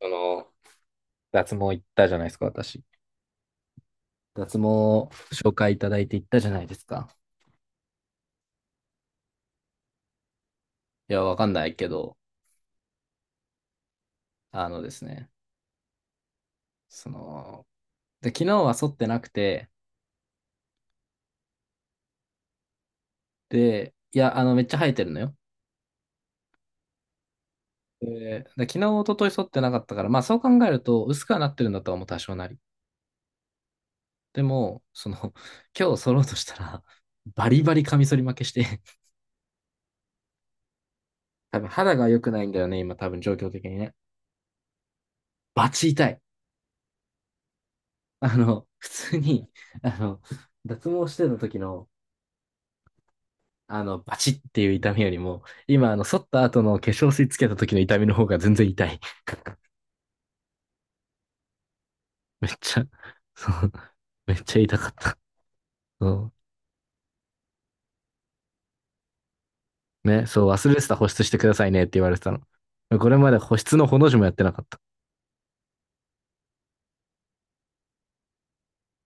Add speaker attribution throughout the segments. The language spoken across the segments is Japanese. Speaker 1: その、脱毛行ったじゃないですか、私。脱毛紹介いただいて行ったじゃないですか。いや、わかんないけど、あのですね、その、で、昨日は剃ってなくて、で、いや、めっちゃ生えてるのよ。で昨日、一昨日剃ってなかったから、まあそう考えると、薄くはなってるんだとは思う、多少なり。でも、今日剃ろうとしたら、バリバリカミソリ負けして、多分肌が良くないんだよね、今、多分状況的にね。バチ痛い。普通に、あの、脱毛してた時の、バチっていう痛みよりも、今、剃った後の化粧水つけた時の痛みの方が全然痛い。めっちゃ、そう、めっちゃ痛かった。そう。ね、そう、忘れてた、保湿してくださいねって言われてたの。これまで保湿のほの字もやってなかった。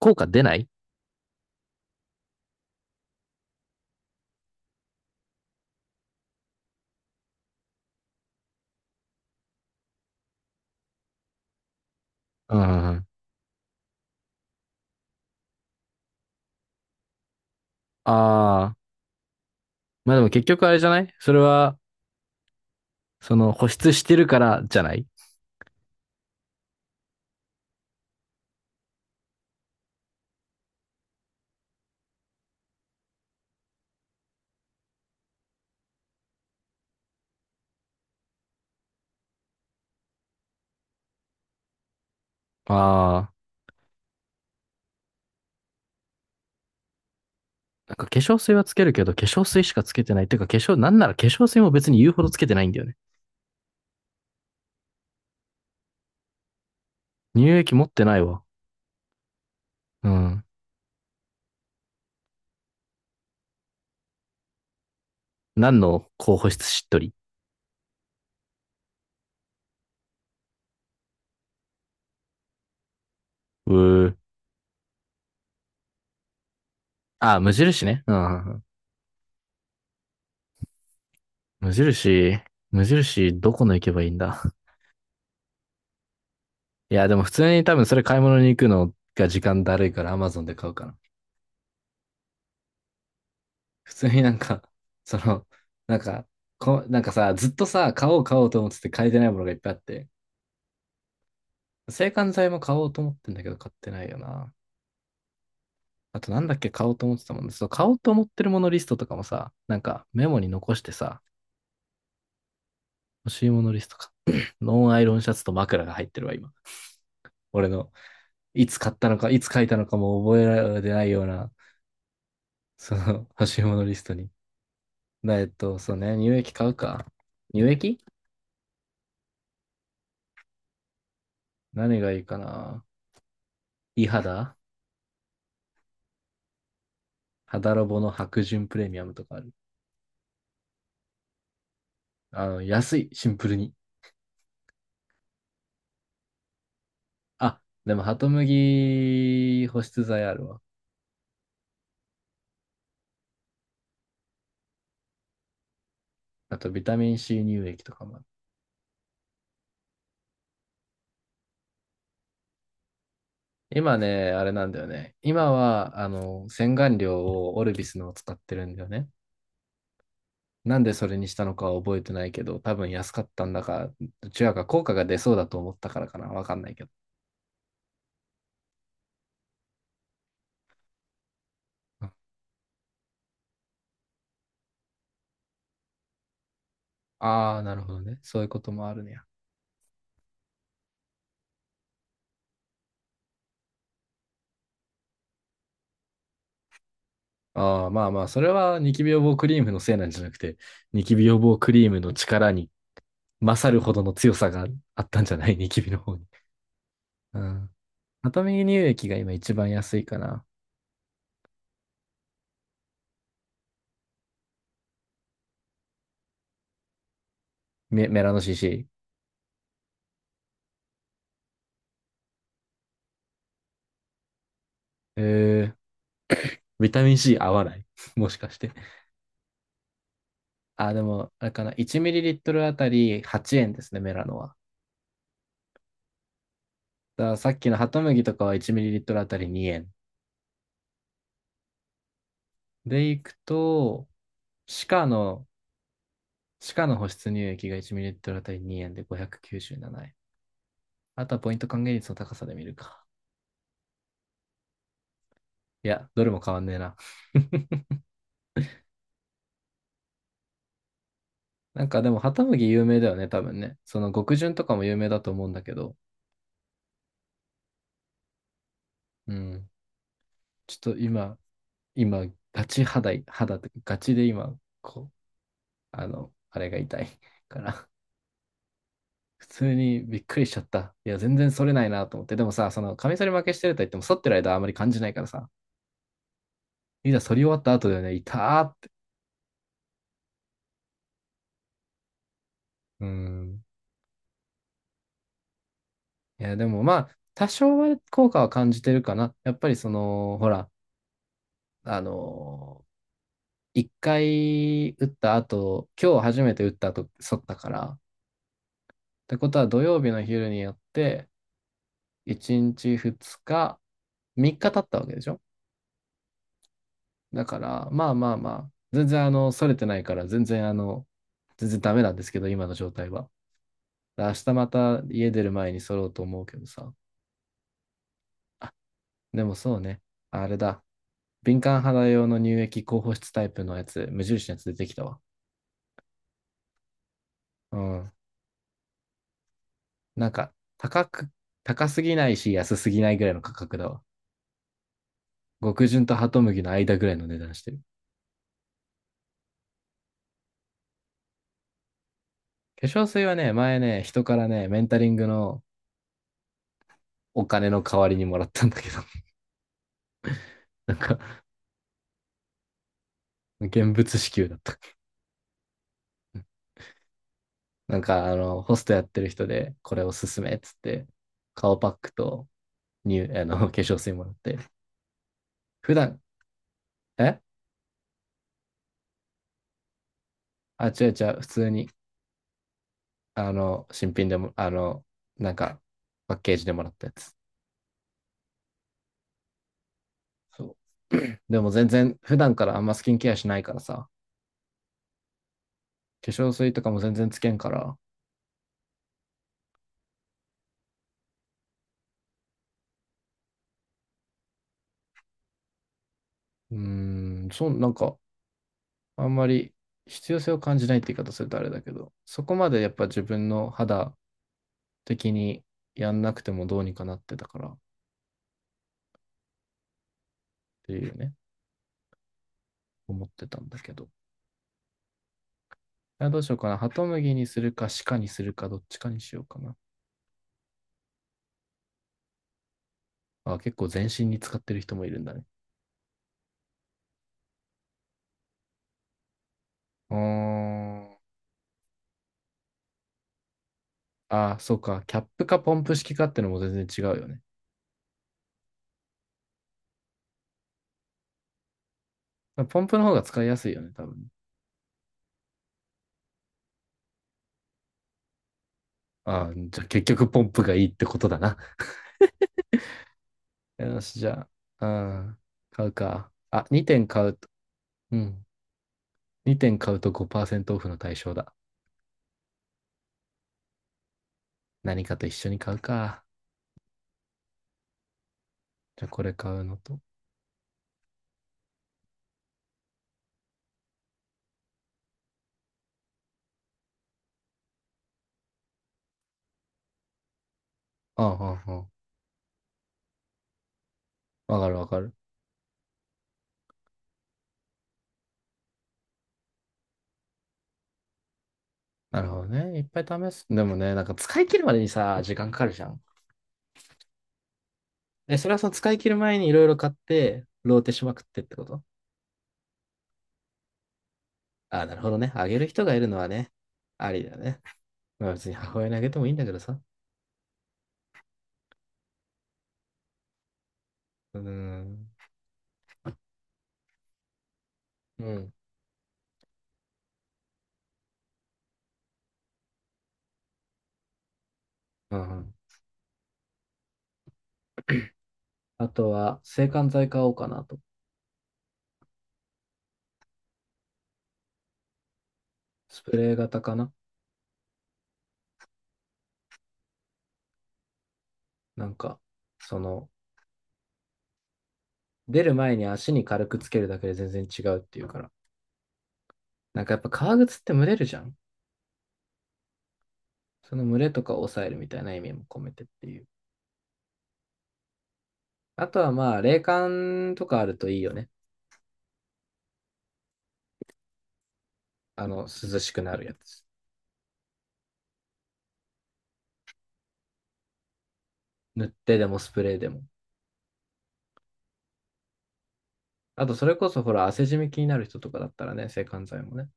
Speaker 1: 効果出ない。うんうんうん。ああ、まあでも結局あれじゃないそれは、その保湿してるからじゃない？ああー、なんか化粧水はつけるけど、化粧水しかつけてない。てかなんなら化粧水も別に言うほどつけてないんだよね。乳液持ってないわ。うん。何の候補室しっとり？うー。あ、無印ね。うん、無印、無印、どこの行けばいいんだ。いや、でも普通に多分それ、買い物に行くのが時間だるいから Amazon で買うかな。普通になんか、その、なんか、なんかさ、ずっとさ、買おう買おうと思ってて買えてないものがいっぱいあって、制汗剤も買おうと思ってんだけど買ってないよな。あとなんだっけ、買おうと思ってたもんね。そう、買おうと思ってるものリストとかもさ、なんかメモに残してさ、欲しいものリストか。ノンアイロンシャツと枕が入ってるわ、今。俺の、いつ買ったのか、いつ書いたのかも覚えられてないような、その 欲しいものリストに。なえっと、そうね、乳液買うか。乳液、何がいいかな。いい肌肌ロボの白潤プレミアムとかある。安い、シンプルに。あ、でも、ハトムギ保湿剤あるわ。あと、ビタミン C 乳液とかもある。今ね、あれなんだよね。今は、洗顔料をオルビスのを使ってるんだよね。なんでそれにしたのかは覚えてないけど、多分安かったんだか、どちらか効果が出そうだと思ったからかな。わかんないけど。ああー、なるほどね。そういうこともあるねや。ああ、まあまあ、それはニキビ予防クリームのせいなんじゃなくて、ニキビ予防クリームの力に勝るほどの強さがあったんじゃない、ニキビの方に。うん。アトミー乳液が今一番安いかな。メラノ CC。えー、ビタミン C 合わない もしかして。ああ、でも、あれかな。1ml あたり8円ですね、メラノは。だからさっきのハトムギとかは 1ml あたり2円。で、いくと、シカの、シカの保湿乳液が 1ml あたり2円で597円。あとはポイント還元率の高さで見るか。いや、どれも変わんねえな。なんかでも、ハトムギ有名だよね、多分ね。その極潤とかも有名だと思うんだけど。うん。ちょっと今、ガチ肌い、肌って、ガチで今、こう、あれが痛いから。普通にびっくりしちゃった。いや、全然反れないなと思って。でもさ、カミソリ負けしてると言っても、反ってる間はあまり感じないからさ、いざ反り終わった後だよね、痛ーって。うん。いや、でもまあ、多少は効果は感じてるかな。やっぱりその、ほら、あの一回打った後、今日初めて打った後、反ったから。ってことは、土曜日の昼にやって、1日2日、3日経ったわけでしょ。だから、まあまあまあ、全然それてないから、全然全然ダメなんですけど、今の状態は。明日また家出る前に揃おうと思うけどさ。でもそうね、あれだ。敏感肌用の乳液、高保湿タイプのやつ、無印のやつ出てきたわ。うん。なんか、高く、高すぎないし、安すぎないぐらいの価格だわ。極潤とハトムギの間ぐらいの値段してる。化粧水はね、前ね、人からね、メンタリングのお金の代わりにもらったんだけど、なんか、現物支給だった。なんか、ホストやってる人で、これおすすめっつって、顔パックと化粧水もらって、普段、え違う違う、普通に、新品でも、なんか、パッケージでもらったやつ。そう でも全然、普段からあんまスキンケアしないからさ、化粧水とかも全然つけんから、うーん、そう、なんか、あんまり必要性を感じないって言い方するとあれだけど、そこまでやっぱ自分の肌的にやんなくてもどうにかなってたからっていうね。思ってたんだけど。どうしようかな。ハトムギにするか、鹿にするか、どっちかにしようかな。あ、結構全身に使ってる人もいるんだね。うーん。あ、そうか。キャップかポンプ式かってのも全然違うよね。ポンプの方が使いやすいよね、多分。あ、じゃあ結局ポンプがいいってことだな。よし、じゃあ、うん、買うか。あ、2点買うと、うん。2点買うと5%オフの対象だ。何かと一緒に買うか。じゃあこれ買うのと。ああ、ああ、わかるわかる。なるほどね。いっぱい試す。でもね、なんか使い切るまでにさ、時間かかるじゃん。え、それはその使い切る前にいろいろ買って、ローテしまくってってこと？ああ、なるほどね。あげる人がいるのはね、ありだね。まあ別に母親にあげてもいいんだけどさ。うーん。うん。うんうん。あとは、制汗剤買おうかなと。スプレー型かな。なんか、その、出る前に足に軽くつけるだけで全然違うっていうから。なんかやっぱ革靴って蒸れるじゃん。その蒸れとかを抑えるみたいな意味も込めてっていう。あとはまあ、冷感とかあるといいよね。涼しくなるやつ。塗ってでもスプレーでも。あと、それこそほら、汗じみ気になる人とかだったらね、制汗剤もね。だ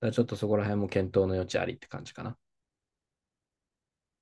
Speaker 1: からちょっとそこら辺も検討の余地ありって感じかな。